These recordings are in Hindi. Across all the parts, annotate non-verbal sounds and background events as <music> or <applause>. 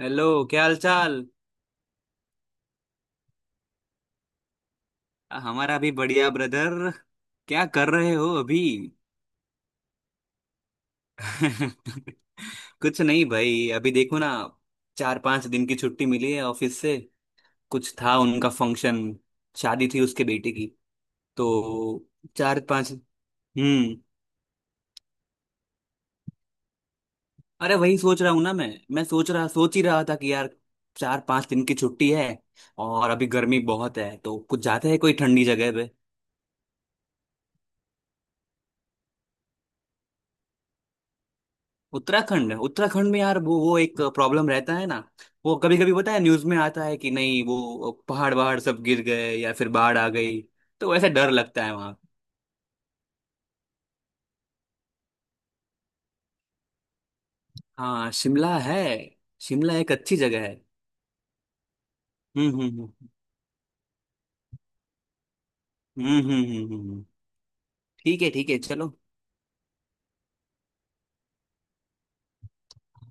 हेलो। क्या हाल चाल। हमारा भी बढ़िया ब्रदर। क्या कर रहे हो अभी। <laughs> कुछ नहीं भाई, अभी देखो ना। चार पांच दिन की छुट्टी मिली है ऑफिस से। कुछ था उनका फंक्शन। शादी थी उसके बेटे की। तो चार पांच। हम्म। अरे, वही सोच रहा हूँ ना मैं। मैं सोच ही रहा था कि यार, चार पांच दिन की छुट्टी है। और अभी गर्मी बहुत है, तो कुछ जाते हैं कोई ठंडी जगह। उत्तराखंड, उत्तराखंड में यार वो एक प्रॉब्लम रहता है ना। वो कभी कभी पता है न्यूज में आता है कि नहीं, वो पहाड़ वहाड़ सब गिर गए या फिर बाढ़ आ गई। तो वैसे डर लगता है वहां। हाँ शिमला है। शिमला एक अच्छी जगह है। हम्म हम्म हम्म। ठीक है, ठीक है, चलो।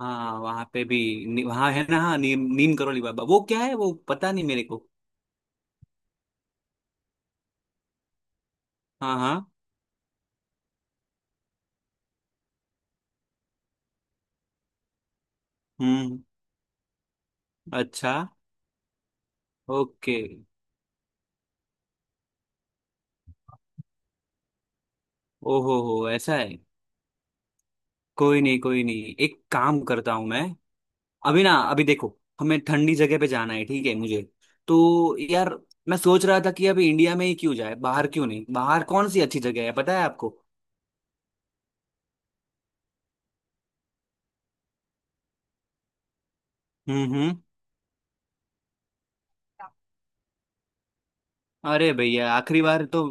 हाँ वहाँ पे भी। वहाँ है ना। हाँ, नीम नीम करोली बाबा वो क्या है वो पता नहीं मेरे को। हाँ हाँ। हम्म। अच्छा। ओके। ओहो हो, ऐसा है। कोई नहीं कोई नहीं, एक काम करता हूँ मैं। अभी ना, अभी देखो। हमें ठंडी जगह पे जाना है, ठीक है मुझे। तो यार, मैं सोच रहा था कि अभी इंडिया में ही क्यों जाए, बाहर क्यों नहीं, बाहर कौन सी अच्छी जगह है पता है आपको। हम्म। अरे भैया, आखिरी बार तो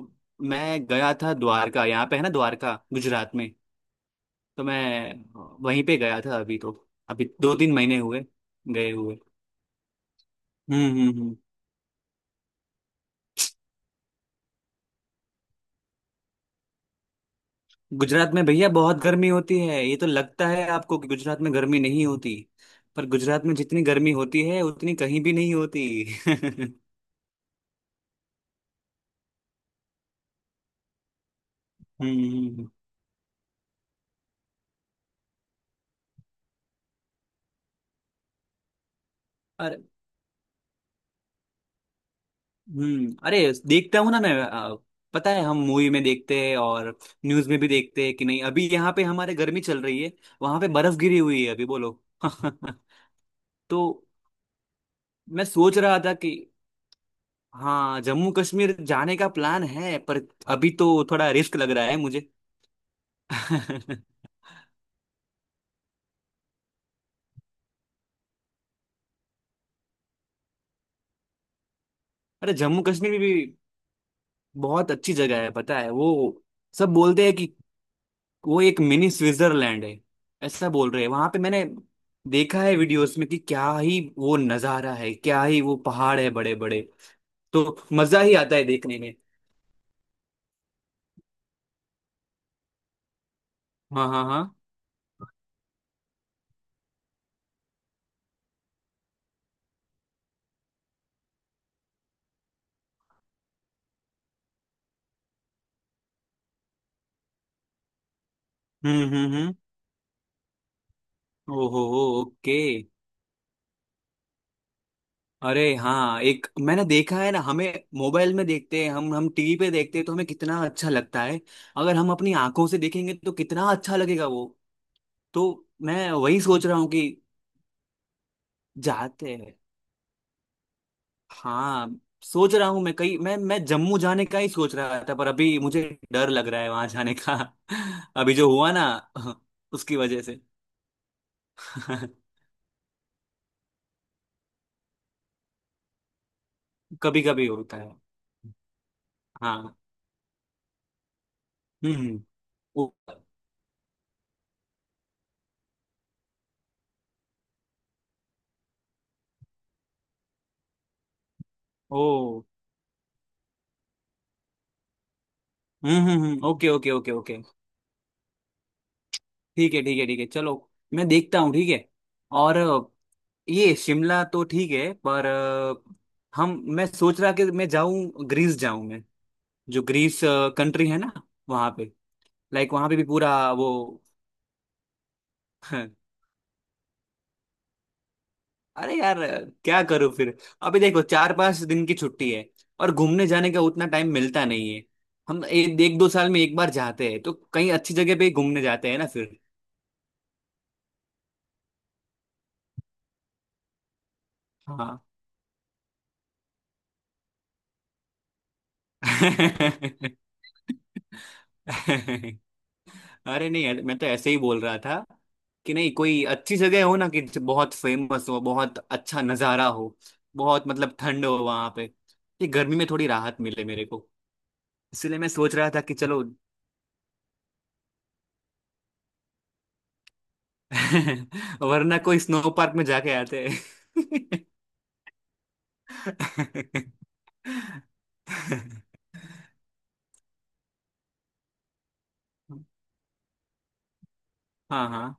मैं गया था द्वारका, यहाँ पे है ना द्वारका, गुजरात में। तो मैं वहीं पे गया था अभी तो। अभी दो तीन महीने हुए गए हुए। हम्म। गुजरात में भैया बहुत गर्मी होती है। ये तो लगता है आपको कि गुजरात में गर्मी नहीं होती। पर गुजरात में जितनी गर्मी होती है उतनी कहीं भी नहीं होती। <laughs> हम्म अरे। अरे, देखता हूँ ना मैं। पता है हम मूवी में देखते हैं और न्यूज में भी देखते हैं कि नहीं अभी यहाँ पे हमारे गर्मी चल रही है। वहां पे बर्फ गिरी हुई है अभी, बोलो। <laughs> तो मैं सोच रहा था कि, हाँ, जम्मू कश्मीर जाने का प्लान है पर अभी तो थोड़ा रिस्क लग रहा है मुझे। <laughs> अरे जम्मू कश्मीर भी बहुत अच्छी जगह है पता है वो। सब बोलते हैं कि वो एक मिनी स्विट्जरलैंड है। ऐसा बोल रहे हैं, वहां पे मैंने देखा है वीडियोस में कि क्या ही वो नजारा है, क्या ही वो पहाड़ है बड़े बड़े। तो मजा ही आता है देखने में। हाँ हाँ हाँ। हम्म। ओहो। ओके। अरे हाँ, एक मैंने देखा है ना, हमें मोबाइल में देखते हैं, हम टीवी पे देखते हैं तो हमें कितना अच्छा लगता है। अगर हम अपनी आंखों से देखेंगे तो कितना अच्छा लगेगा वो। तो मैं वही सोच रहा हूँ कि जाते हैं। हाँ, सोच रहा हूँ मैं कहीं, मैं जम्मू जाने का ही सोच रहा था पर अभी मुझे डर लग रहा है वहां जाने का। <laughs> अभी जो हुआ ना। <laughs> उसकी वजह से। <laughs> कभी कभी होता है। हाँ हम्म हम्म, ओ ओ। Okay okay okay okay. ठीक है ठीक है ठीक है, चलो। मैं देखता हूँ, ठीक है। और ये शिमला तो ठीक है पर, हम मैं सोच रहा कि मैं जाऊं, ग्रीस जाऊं। जो ग्रीस कंट्री है ना, वहां पे लाइक वहां पे भी पूरा वो। <laughs> अरे यार, क्या करूं फिर। अभी देखो, चार पांच दिन की छुट्टी है और घूमने जाने का उतना टाइम मिलता नहीं है। हम एक दो साल में एक बार जाते हैं तो कहीं अच्छी जगह पे ही घूमने जाते हैं ना फिर। हाँ। <laughs> अरे नहीं यार, मैं तो ऐसे ही बोल रहा था कि नहीं कोई अच्छी जगह हो ना, कि जो बहुत फेमस हो, बहुत अच्छा नज़ारा हो, बहुत मतलब ठंड हो वहां पे, ये गर्मी में थोड़ी राहत मिले मेरे को। इसलिए मैं सोच रहा था कि चलो, <laughs> वरना कोई स्नो पार्क में जाके आते हैं। <laughs> हाँ हाँ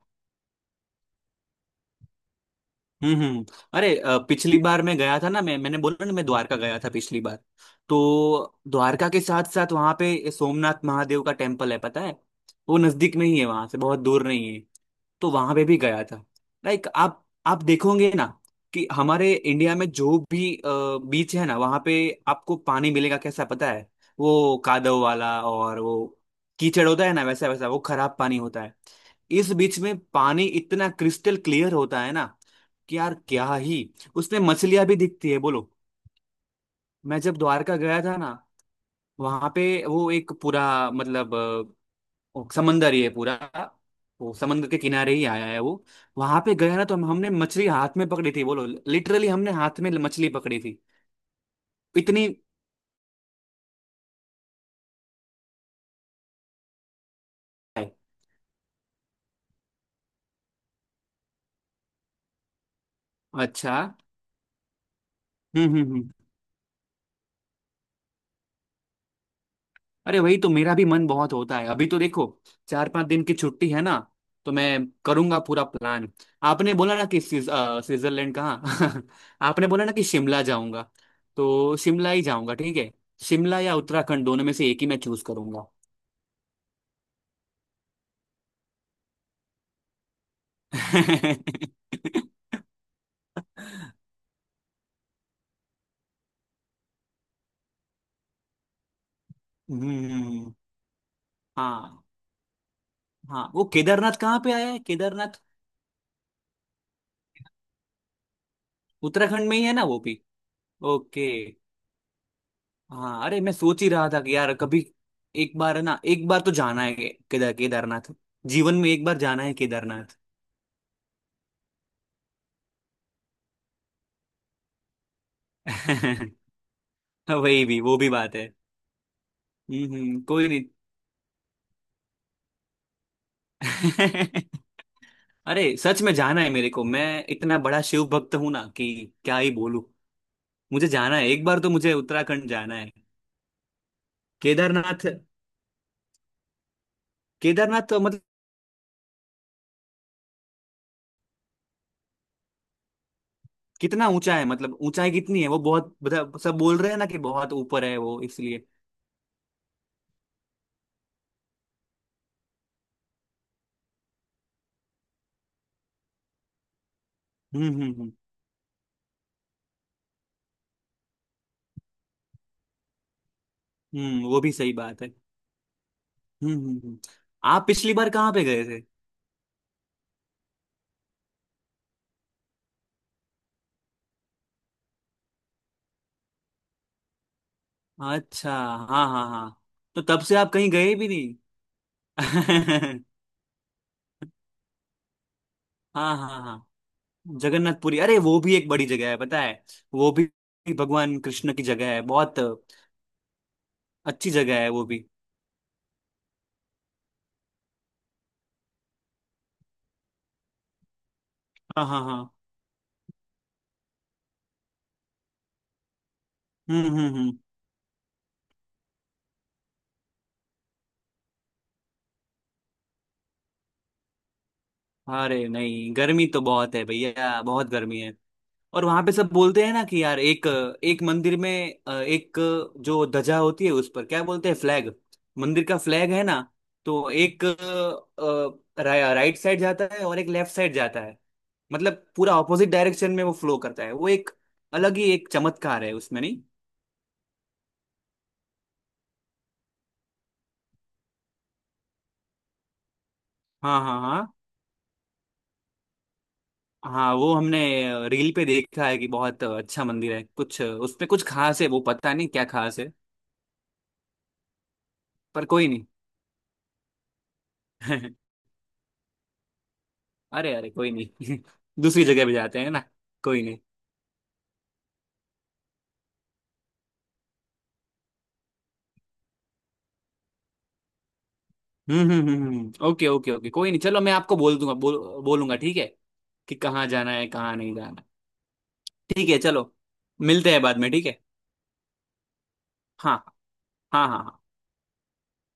हम्म हम्म। अरे पिछली बार मैं गया था ना, मैंने बोला ना मैं द्वारका गया था पिछली बार। तो द्वारका के साथ साथ वहां पे सोमनाथ महादेव का टेम्पल है पता है। वो नजदीक में ही है, वहां से बहुत दूर नहीं है। तो वहां पे भी गया था। लाइक, आप देखोगे ना कि हमारे इंडिया में जो भी बीच है ना वहां पे आपको पानी मिलेगा कैसा पता है। वो कादव वाला और वो कीचड़ होता है ना, वैसा वैसा वो खराब पानी होता है। इस बीच में पानी इतना क्रिस्टल क्लियर होता है ना, कि यार क्या ही, उसमें मछलियां भी दिखती है बोलो। मैं जब द्वारका गया था ना, वहां पे वो एक पूरा, मतलब, वो समंदर ही है पूरा। वो समंदर के किनारे ही आया है वो। वहां पे गया ना तो हमने मछली हाथ में पकड़ी थी बोलो। लिटरली हमने हाथ में मछली पकड़ी थी, इतनी। अच्छा हम्म हम्म हम्म। अरे वही तो मेरा भी मन बहुत होता है, अभी तो देखो चार पांच दिन की छुट्टी है ना। तो मैं करूंगा पूरा प्लान। आपने बोला ना कि स्विट्जरलैंड कहाँ। <laughs> आपने बोला ना कि शिमला जाऊंगा। तो शिमला ही जाऊंगा, ठीक है। शिमला या उत्तराखंड दोनों में से एक ही मैं चूज करूंगा। <laughs> हम्म। हाँ हाँ, वो केदारनाथ कहाँ पे आया है, केदारनाथ उत्तराखंड में ही है ना वो भी। ओके। हाँ अरे, मैं सोच ही रहा था कि यार कभी एक बार है ना, एक बार तो जाना है के- केदार केदारनाथ। जीवन में एक बार जाना है केदारनाथ। <laughs> वही भी वो भी बात है। कोई नहीं। <laughs> अरे सच में जाना है मेरे को, मैं इतना बड़ा शिव भक्त हूं ना कि क्या ही बोलूं। मुझे जाना है एक बार, तो मुझे उत्तराखंड जाना है केदारनाथ। केदारनाथ तो मतलब कितना ऊंचा है, मतलब ऊंचाई कितनी है वो बहुत, सब बोल रहे हैं ना कि बहुत ऊपर है वो इसलिए। हम्म हम्म हम्म वो भी सही बात है। हम्म हम्म, हम्म। आप पिछली बार कहाँ पे गए थे। अच्छा। हाँ हाँ हाँ। तो तब से आप कहीं गए भी नहीं। <laughs> हाँ हाँ हाँ। जगन्नाथपुरी, अरे वो भी एक बड़ी जगह है पता है। वो भी भगवान कृष्ण की जगह है, बहुत अच्छी जगह है वो भी। हाँ हाँ हाँ। हम्म। अरे नहीं, गर्मी तो बहुत है भैया, बहुत गर्मी है। और वहां पे सब बोलते हैं ना कि यार एक एक मंदिर में, एक जो ध्वजा होती है उस पर क्या बोलते हैं, फ्लैग। मंदिर का फ्लैग है ना, तो एक राइट साइड जाता है और एक लेफ्ट साइड जाता है। मतलब पूरा ऑपोजिट डायरेक्शन में वो फ्लो करता है, वो एक अलग ही एक चमत्कार है उसमें नहीं। हाँ हाँ हाँ। हाँ, वो हमने रील पे देखा है कि बहुत अच्छा मंदिर है, कुछ उसमें कुछ खास है वो, पता नहीं क्या खास है। पर कोई नहीं। <laughs> अरे अरे कोई नहीं। <laughs> दूसरी जगह भी जाते हैं ना, कोई नहीं। हम्म। ओके ओके ओके, कोई नहीं चलो, मैं आपको बोल दूंगा, बोलूंगा ठीक है, कि कहाँ जाना है कहाँ नहीं जाना। ठीक है चलो, मिलते हैं बाद में, ठीक है। हाँ हाँ हाँ हाँ।